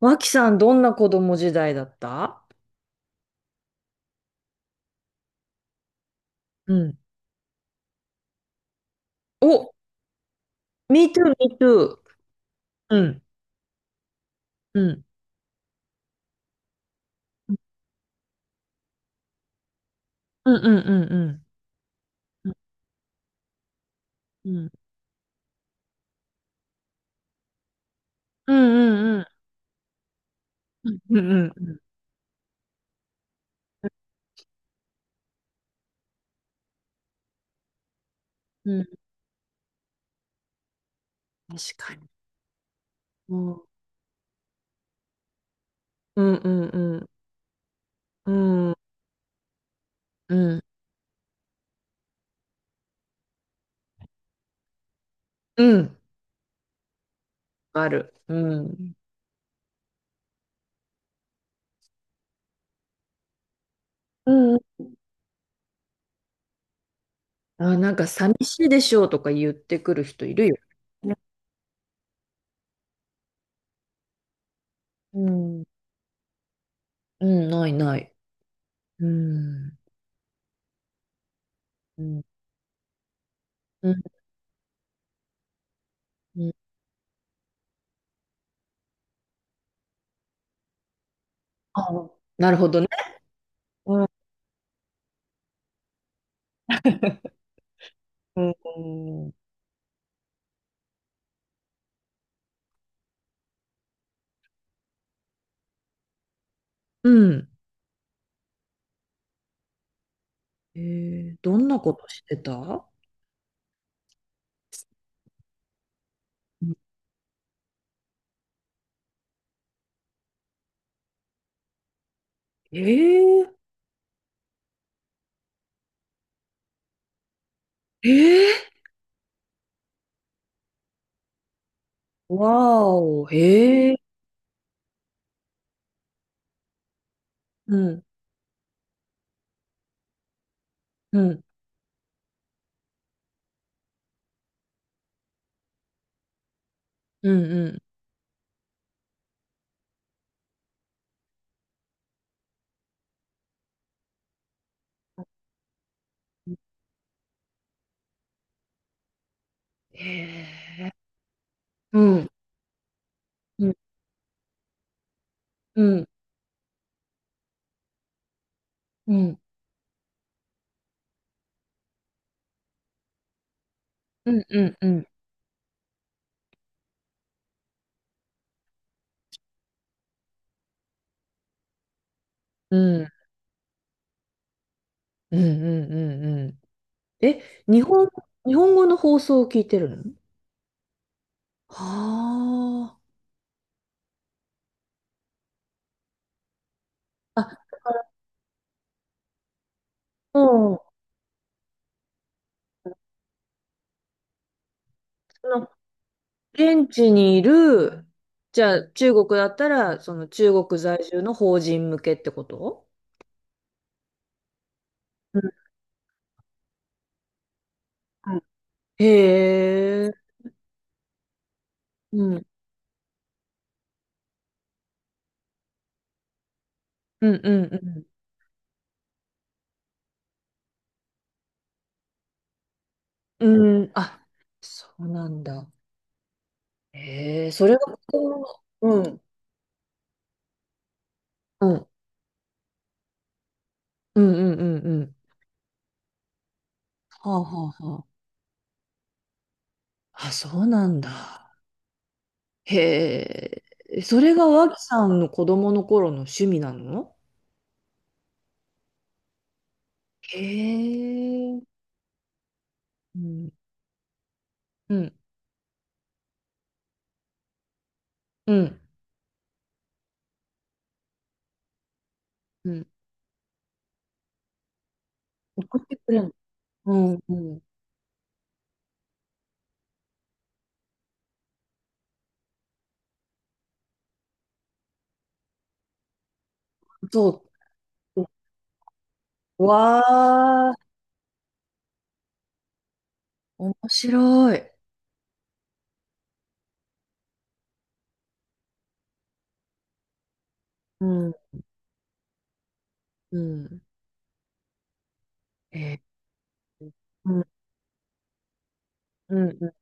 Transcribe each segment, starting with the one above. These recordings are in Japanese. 脇さん、どんな子供時代だった？うん。お。me too, me too. うん、うん、うん、うん。うん、うん、うん、うん、うん、うん、うん、うん。うんうん。確かに。うん、うん、うん、うん、うん、うん。ある。うん。うん、うん。あ、なんか寂しいでしょうとか言ってくる人いるよ。ね。うん、うん。ないない。うん、うん、うん、うん。あ、なるほどね。うん、うん。うん。えー、どんなことしてた？うん。えー、えー、わーお、えー、うん、うん、うん、うん。えー、うん、うん、うん、うん、うん、うん、うん、うん、うん、うんうんうん。え、日本、日本語の放送を聞いてるの？はあ、あ、もう、その、現地にいる、じゃあ、中国だったら、その中国在住の法人向けってこと？うん。へえ、うん、うん、うん、うん、うん。あ、そうなんだ。へえ、それが子供。うん、うん、うん、うん、うん、うん。はあ、はあ、はあ。あ、そうなんだ。へえ、それが脇さんの子供の頃の趣味なの？へえ、うん、うん、うん、うん。送ってくれるの？うん、うん。そう。わあ、面白い。うん、うん。へえー。うんうん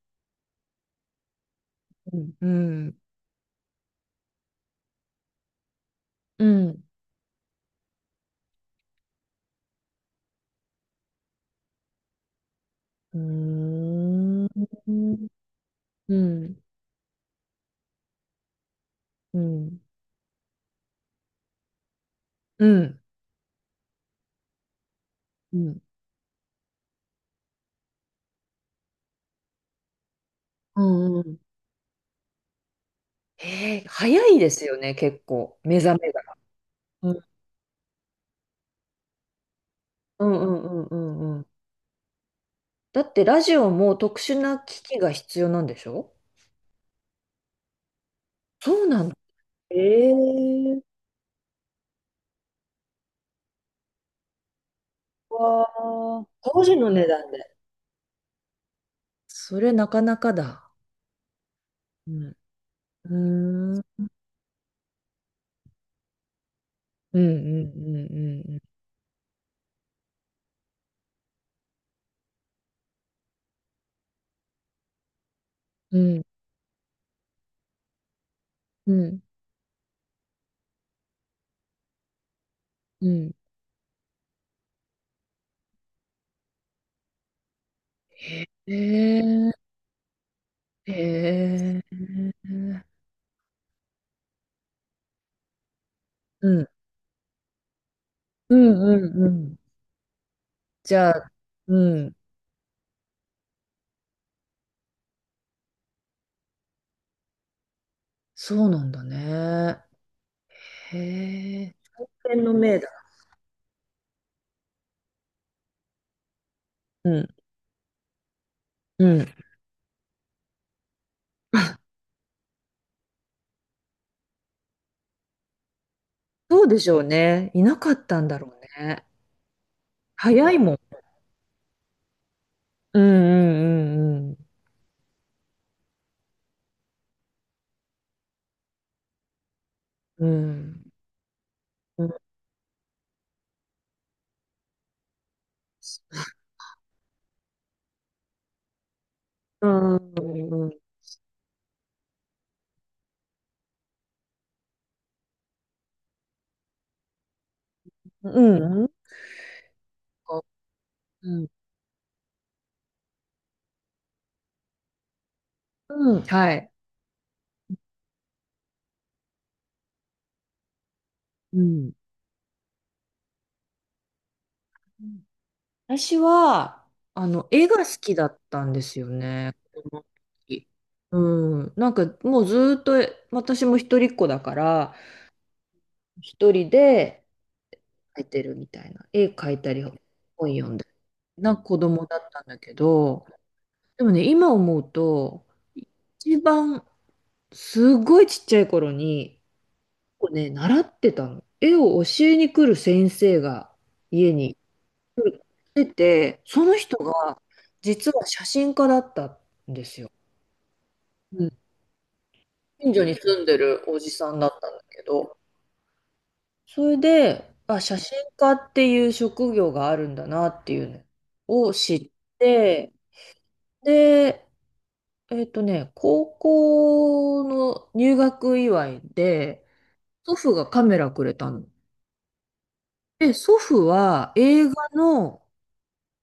うんうん。うん。うーん。うん。うん。うん。うんうんうん。えー、早いですよね、結構、目覚めが。うんうんうんうんうん。だってラジオも特殊な機器が必要なんでしょ？そうなの。えー、わー、当時の値段で。それなかなかだ。うん。うーん。うんうんうんうんうん。うん。うん。うん。へえ、へえ。うん。うんうんうん。じゃあ。うん。そうなんだね。へえ。天の命だ。うん。うん。そうでしょうね。いなかったんだろうね。早いもん。うんうんうんうん。うん。うん。うん。うん。うん。うん。はい。うん。私は、絵が好きだったんですよね。子供の時。うん。なんかもうずーっと、私も一人っ子だから、一人で描いてるみたいな。絵描いたり、本読んだり。な子供だったんだけど、でもね、今思うと、一番、すごいちっちゃい頃に、こうね、習ってたの。絵を教えに来る先生が家にでて、その人が実は写真家だった。うん。近所に住んでるおじさんだったんだけど、それで、あ、写真家っていう職業があるんだなっていうのを知って、で、高校の入学祝いで、祖父がカメラくれたの。で、祖父は映画の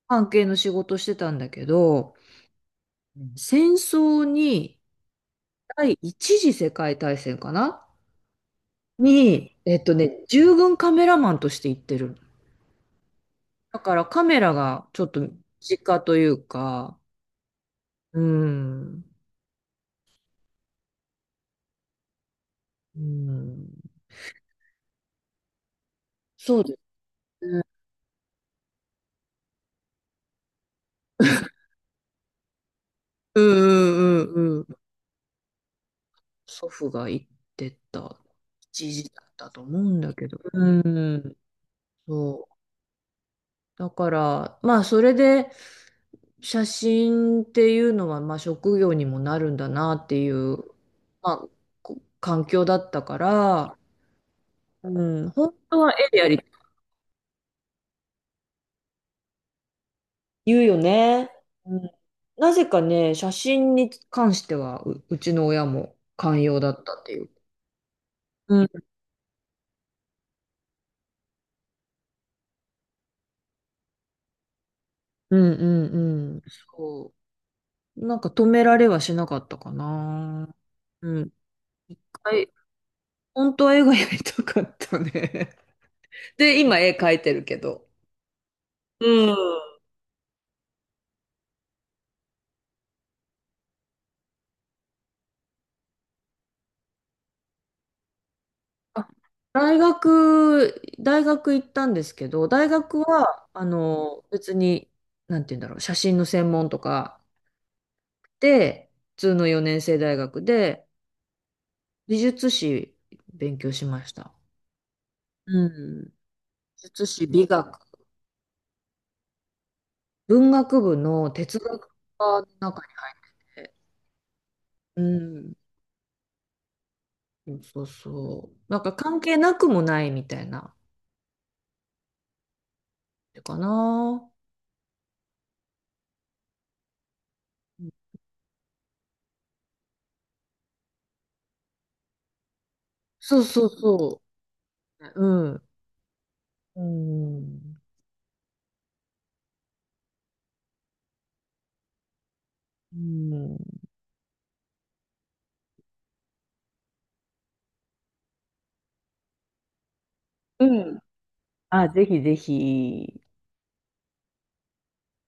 関係の仕事してたんだけど、うん、戦争に、第一次世界大戦かなに、従軍カメラマンとして行ってる。だからカメラがちょっと身近というか、うん、うん、そうですね。うんうんうんうん。祖父が行ってた一時だったと思うんだけど。うん、そう。だから、まあ、それで、写真っていうのは、まあ、職業にもなるんだなっていう、まあ、こ環境だったから、うん、本当は絵でやりたい。言うよね。うん、なぜかね、写真に関してはう、うちの親も寛容だったっていう。うん、うん、うん、うん。そう。なんか止められはしなかったかな。うん。はい。本当は絵がやりたかったね。で、今絵描いてるけど。うん。あ、大学、大学行ったんですけど、大学は、別に、なんて言うんだろう、写真の専門とかで、普通の4年生大学で、美術史勉強しました。うん。美術史、美学、文学部の哲学科の中にあって、うん。そうそう。なんか関係なくもないみたいな、かな。そうそうそう。うん。うん。うん。うん。あ、ぜひぜひ。